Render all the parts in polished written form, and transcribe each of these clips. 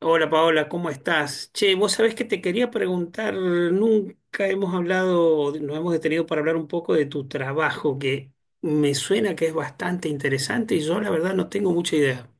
Hola Paola, ¿cómo estás? Che, vos sabés que te quería preguntar, nunca hemos hablado, nos hemos detenido para hablar un poco de tu trabajo, que me suena que es bastante interesante y yo la verdad no tengo mucha idea.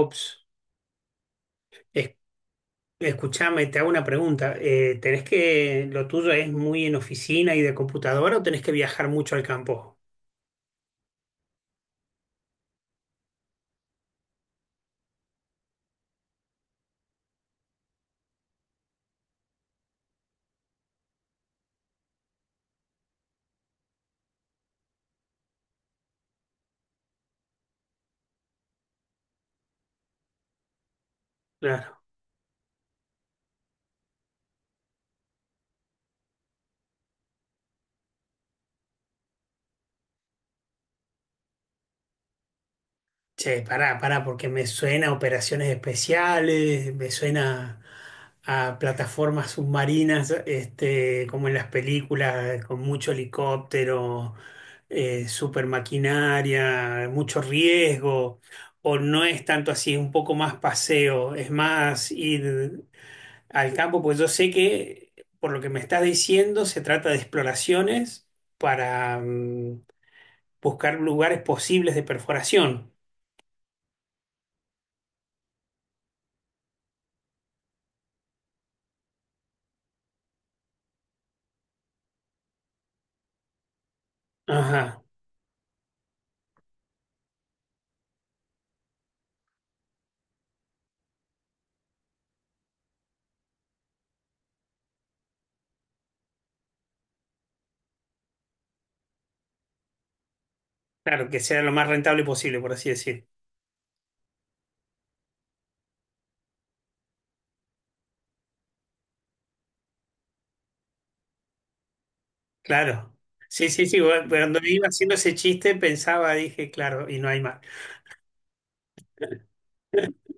Ops, es- escuchame, te hago una pregunta. ¿Tenés que, lo tuyo es muy en oficina y de computadora o tenés que viajar mucho al campo? Che, pará, pará, porque me suena a operaciones especiales, me suena a plataformas submarinas, este, como en las películas, con mucho helicóptero, super maquinaria, mucho riesgo, o no es tanto así, es un poco más paseo, es más ir al campo, pues yo sé que, por lo que me estás diciendo, se trata de exploraciones para buscar lugares posibles de perforación. Ajá. Claro, que sea lo más rentable posible, por así decir. Claro. Sí, sí, sí, bueno, cuando iba haciendo ese chiste pensaba, dije, claro, y no hay más.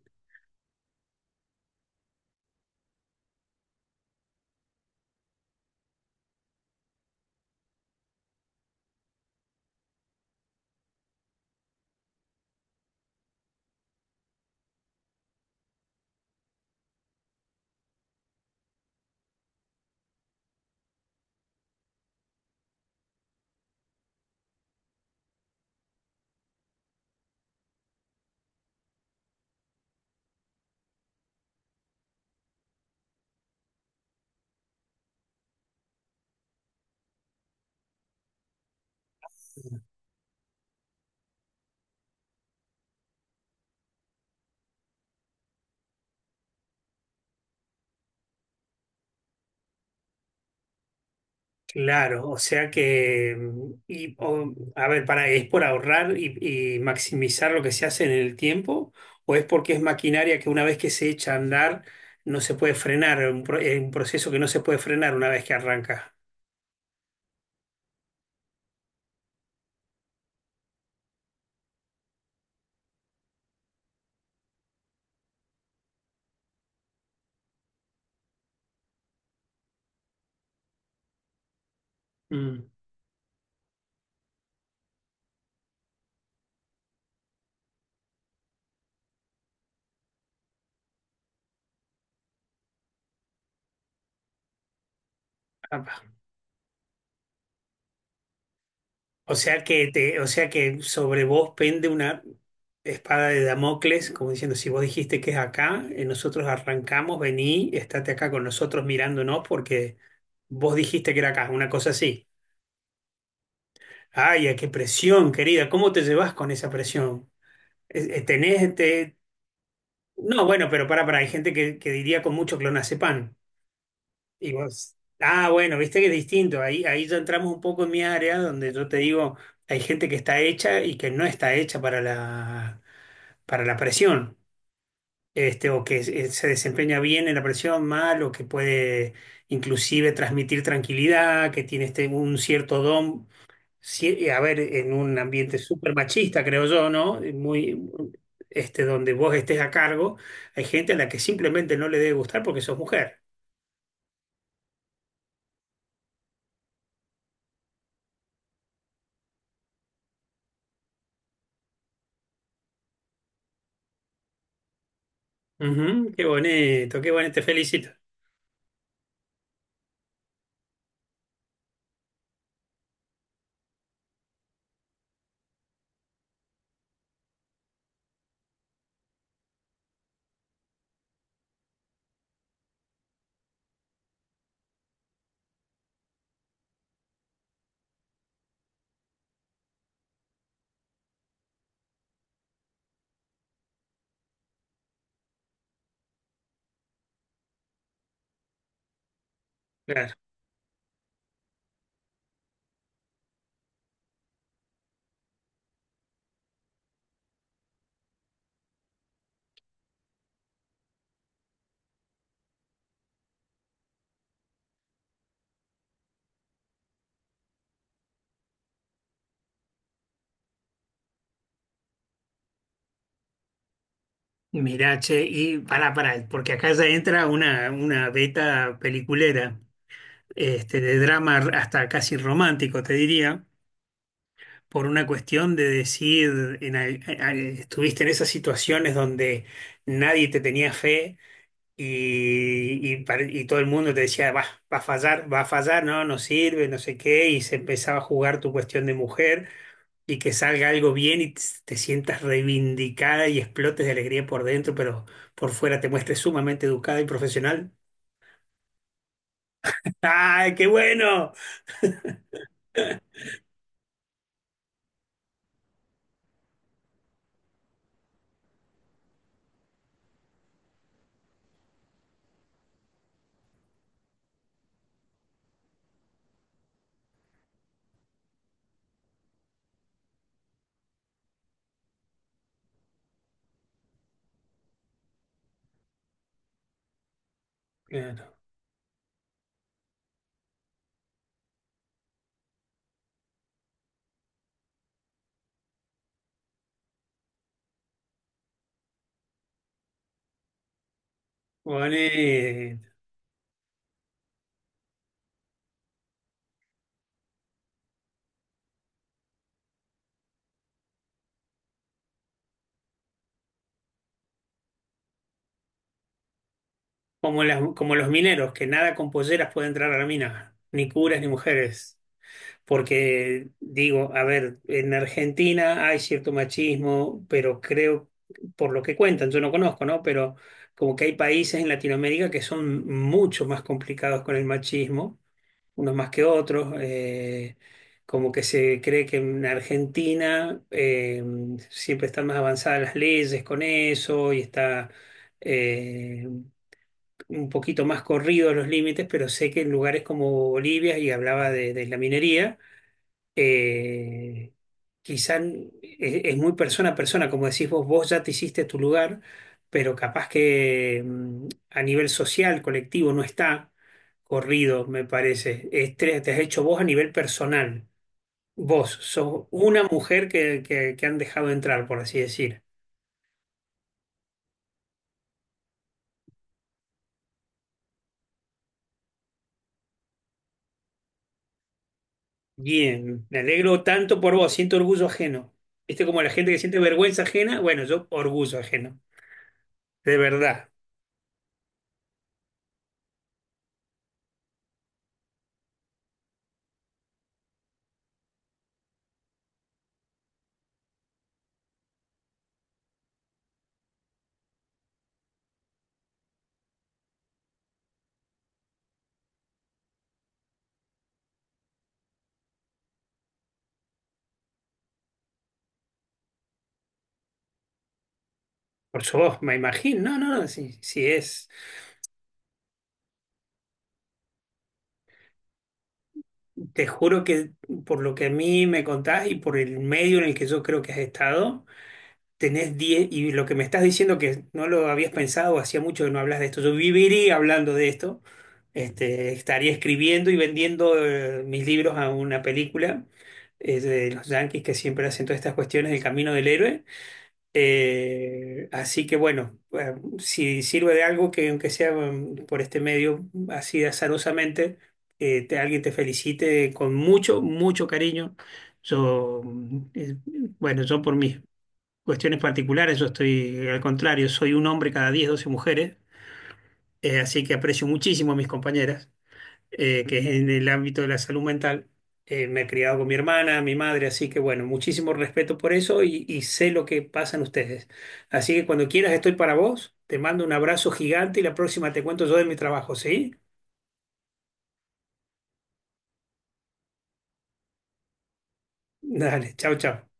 Claro, o sea que, a ver, para, ¿es por ahorrar y maximizar lo que se hace en el tiempo? ¿O es porque es maquinaria que una vez que se echa a andar no se puede frenar? Un proceso que no se puede frenar una vez que arranca. Mm, O sea que te, o sea que sobre vos pende una espada de Damocles, como diciendo, si vos dijiste que es acá, nosotros arrancamos, vení, estate acá con nosotros mirándonos porque vos dijiste que era acá, una cosa así. Ay, ay, qué presión, querida, ¿cómo te llevas con esa presión? Eh, eh, Tenés, te- No, bueno, pero para, hay gente que diría con mucho clonazepam. Y vos, ah, bueno, viste que es distinto. Ahí, ahí ya entramos un poco en mi área donde yo te digo, hay gente que está hecha y que no está hecha para la presión, este, o que se desempeña bien en la presión, mal, o que puede inclusive transmitir tranquilidad, que tiene este, un cierto don, sí a ver, en un ambiente súper machista, creo yo, ¿no? Muy, este, donde vos estés a cargo, hay gente a la que simplemente no le debe gustar porque sos mujer. Ujú, qué bonito, te felicito. Claro. Mirá, che, y pará, pará, porque acá ya entra una beta peliculera, este, de drama hasta casi romántico, te diría, por una cuestión de decir, estuviste en esas situaciones donde nadie te tenía fe y, y todo el mundo te decía, va, va a fallar, no, no sirve, no sé qué, y se empezaba a jugar tu cuestión de mujer y que salga algo bien y te sientas reivindicada y explotes de alegría por dentro, pero por fuera te muestres sumamente educada y profesional. ¡Ay, qué bueno! Claro. Pone- como, como los mineros, que nada con polleras puede entrar a la mina, ni curas ni mujeres. Porque digo, a ver, en Argentina hay cierto machismo, pero creo, por lo que cuentan, yo no conozco, ¿no? Pero como que hay países en Latinoamérica que son mucho más complicados con el machismo, unos más que otros. Como que se cree que en Argentina siempre están más avanzadas las leyes con eso y está eh, un poquito más corridos los límites, pero sé que en lugares como Bolivia, y hablaba de la minería, eh, quizá es, muy persona a persona, como decís vos, vos ya te hiciste tu lugar, pero capaz que a nivel social, colectivo, no está corrido, me parece. Es, te has hecho vos a nivel personal. Vos sos una mujer que, que han dejado entrar, por así decir. Bien, me alegro tanto por vos, siento orgullo ajeno. ¿Viste como la gente que siente vergüenza ajena? Bueno, yo orgullo ajeno, de verdad. Por su voz, me imagino. No, no, no, sí, sí es. Te juro que por lo que a mí me contás y por el medio en el que yo creo que has estado, tenés 10 y lo que me estás diciendo que no lo habías pensado, hacía mucho que no hablas de esto, yo viviría hablando de esto, este, estaría escribiendo y vendiendo mis libros a una película de los Yankees que siempre hacen todas estas cuestiones del camino del héroe. Así que bueno, si sirve de algo que aunque sea por este medio así azarosamente, alguien te felicite con mucho, mucho cariño. Yo, bueno, yo por mis cuestiones particulares, yo estoy al contrario, soy un hombre cada 10, 12 mujeres, así que aprecio muchísimo a mis compañeras que es en el ámbito de la salud mental. Me he criado con mi hermana, mi madre, así que bueno, muchísimo respeto por eso y sé lo que pasan ustedes. Así que cuando quieras estoy para vos, te mando un abrazo gigante y la próxima te cuento yo de mi trabajo, ¿sí? Dale, chao, chao.